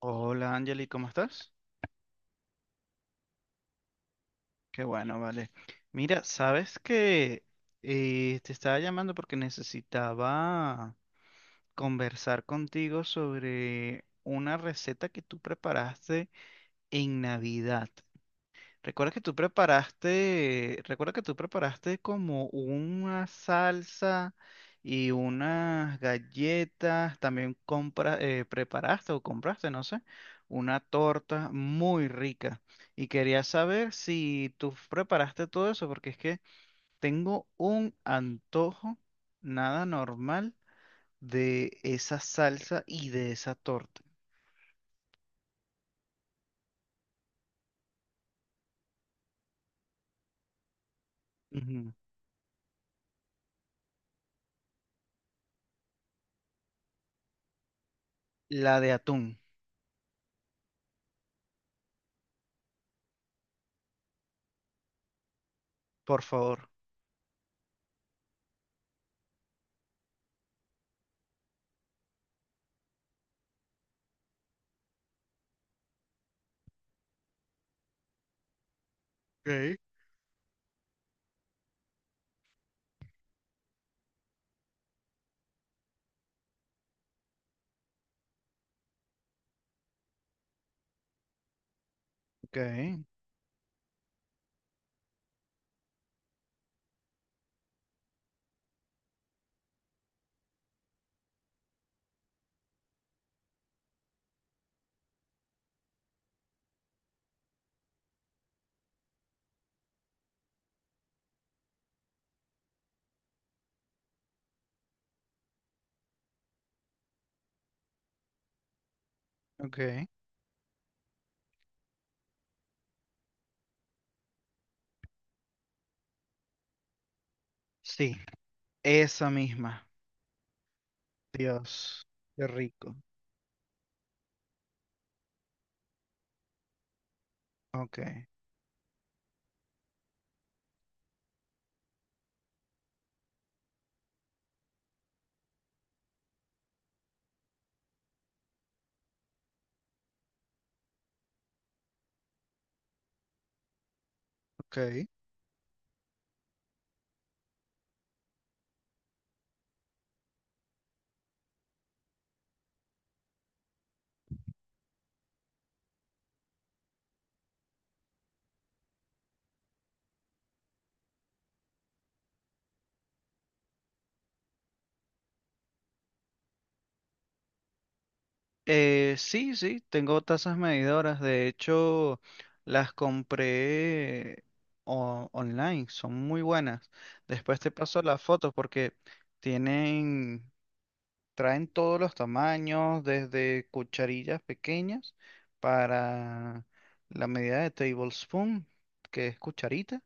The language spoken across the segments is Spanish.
Hola Angeli, ¿cómo estás? Qué bueno, vale. Mira, sabes que te estaba llamando porque necesitaba conversar contigo sobre una receta que tú preparaste en Navidad. Recuerda que tú preparaste como una salsa y unas galletas, también compra, preparaste o compraste, no sé, una torta muy rica. Y quería saber si tú preparaste todo eso, porque es que tengo un antojo nada normal de esa salsa y de esa torta. Ujú. La de atún, por favor. Ok. Ok, ok. Sí, esa misma. Dios, qué rico. Ok, ok. Sí, sí, tengo tazas medidoras. De hecho, las compré online. Son muy buenas. Después te paso las fotos porque tienen, traen todos los tamaños, desde cucharillas pequeñas para la medida de tablespoon, que es cucharita.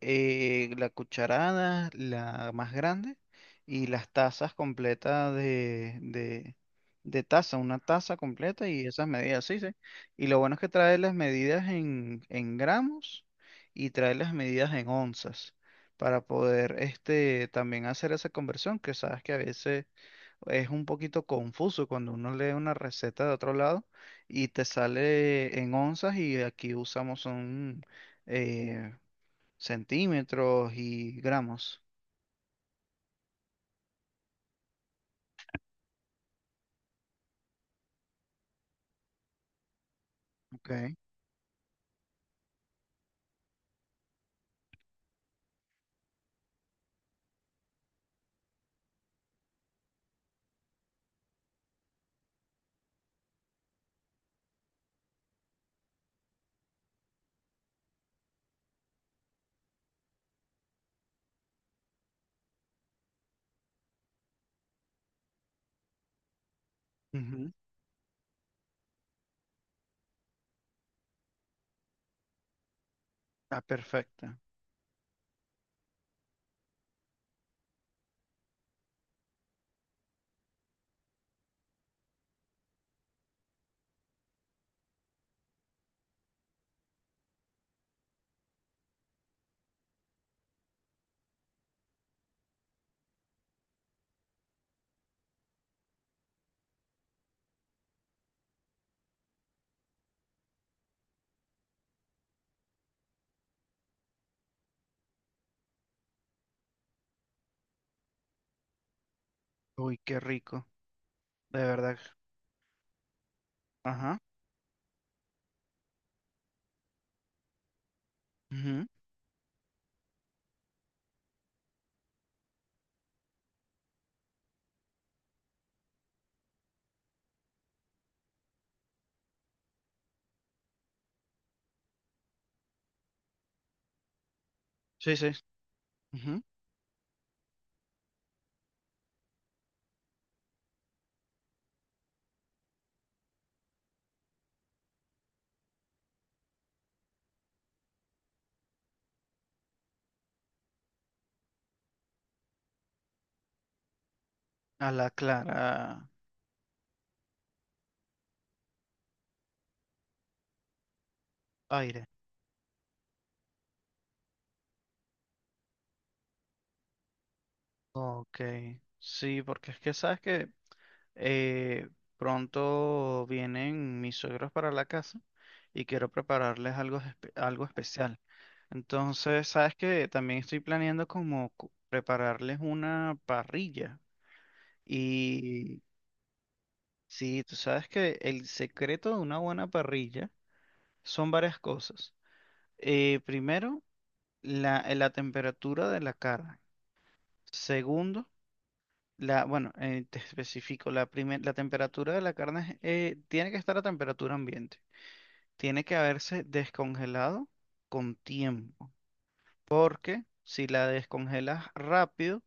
La cucharada, la más grande, y las tazas completas de taza, una taza completa y esas medidas, sí, sí. Y lo bueno es que trae las medidas en gramos y trae las medidas en onzas para poder este, también hacer esa conversión, que sabes que a veces es un poquito confuso cuando uno lee una receta de otro lado y te sale en onzas y aquí usamos un eh, centímetros y gramos. Ok. Ujú. Ah, perfecto. Uy, qué rico. De verdad. Ajá. Ujú. Sí, sí. Ujú. A la clara. Aire. Ok. Sí, porque es que sabes que eh, pronto vienen mis suegros para la casa y quiero prepararles algo, algo especial. Entonces, sabes que también estoy planeando como prepararles una parrilla. Y sí, tú sabes que el secreto de una buena parrilla son varias cosas. Primero, la temperatura de la carne. Segundo, la, bueno, te especifico, la temperatura de la carne tiene que estar a temperatura ambiente. Tiene que haberse descongelado con tiempo. Porque si la descongelas rápido,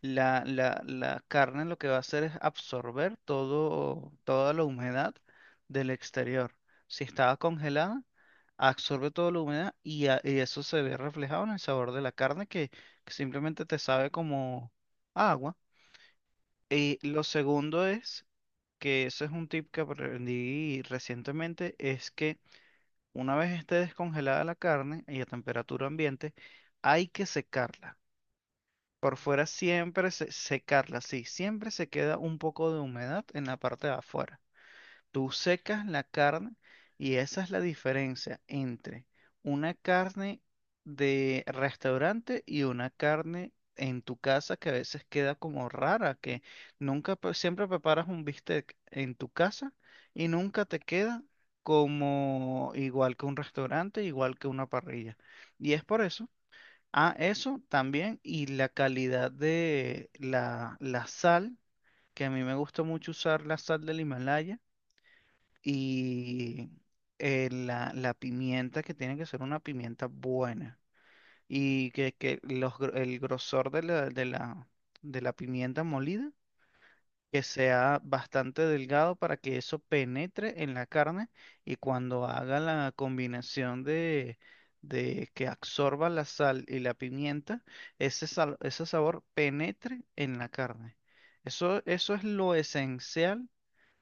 la carne lo que va a hacer es absorber todo, toda la humedad del exterior. Si estaba congelada, absorbe toda la humedad y, y eso se ve reflejado en el sabor de la carne que simplemente te sabe como agua. Y lo segundo es, que eso es un tip que aprendí recientemente, es que una vez esté descongelada la carne y a temperatura ambiente, hay que secarla. Por fuera siempre secarla, sí, siempre se queda un poco de humedad en la parte de afuera. Tú secas la carne y esa es la diferencia entre una carne de restaurante y una carne en tu casa que a veces queda como rara, que nunca, siempre preparas un bistec en tu casa y nunca te queda como igual que un restaurante, igual que una parrilla. Y es por eso. Ah, eso también y la calidad de la sal, que a mí me gusta mucho usar la sal del Himalaya y la pimienta que tiene que ser una pimienta buena y que los el grosor de de la pimienta molida que sea bastante delgado para que eso penetre en la carne y cuando haga la combinación de que absorba la sal y la pimienta, ese, ese sabor penetre en la carne. Eso es lo esencial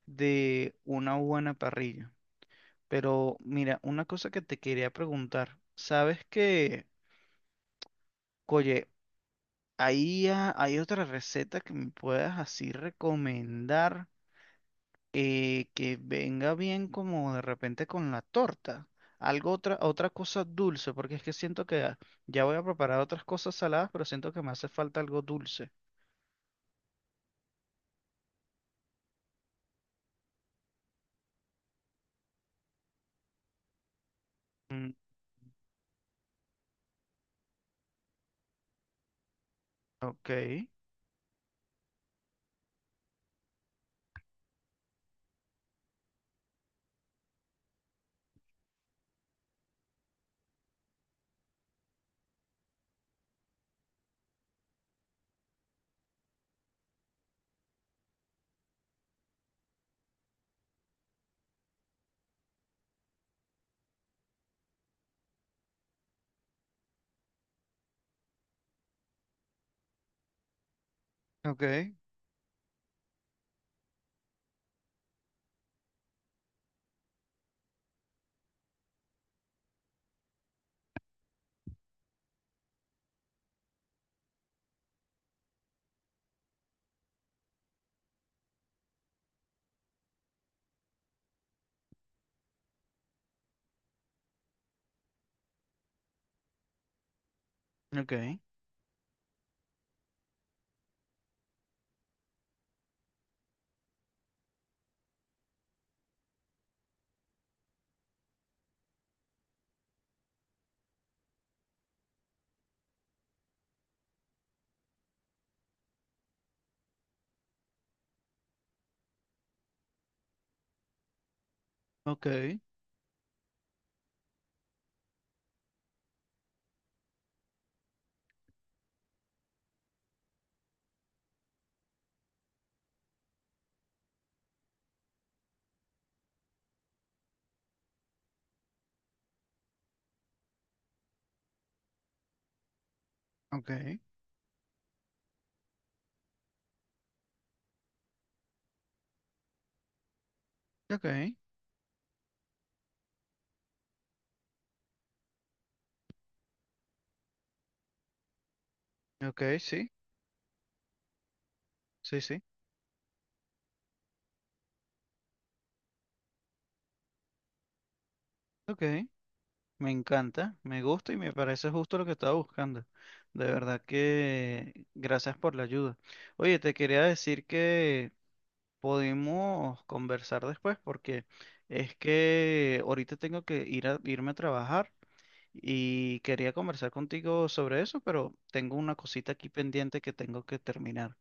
de una buena parrilla. Pero mira, una cosa que te quería preguntar. ¿Sabes que, oye, ahí hay otra receta que me puedas así recomendar que venga bien como de repente con la torta? Algo otra, otra cosa dulce, porque es que siento que ya voy a preparar otras cosas saladas, pero siento que me hace falta algo dulce. Mm, ok, ok, ok, ok, ok, ok, ok, sí, sí, sí, ok. Me encanta, me gusta y me parece justo lo que estaba buscando. De verdad que gracias por la ayuda. Oye, te quería decir que podemos conversar después porque es que ahorita tengo que ir a, irme a trabajar y quería conversar contigo sobre eso, pero tengo una cosita aquí pendiente que tengo que terminar.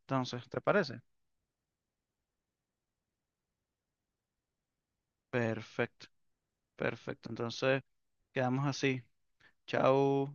Entonces, ¿te parece? Perfecto, perfecto. Entonces, quedamos así. Chao.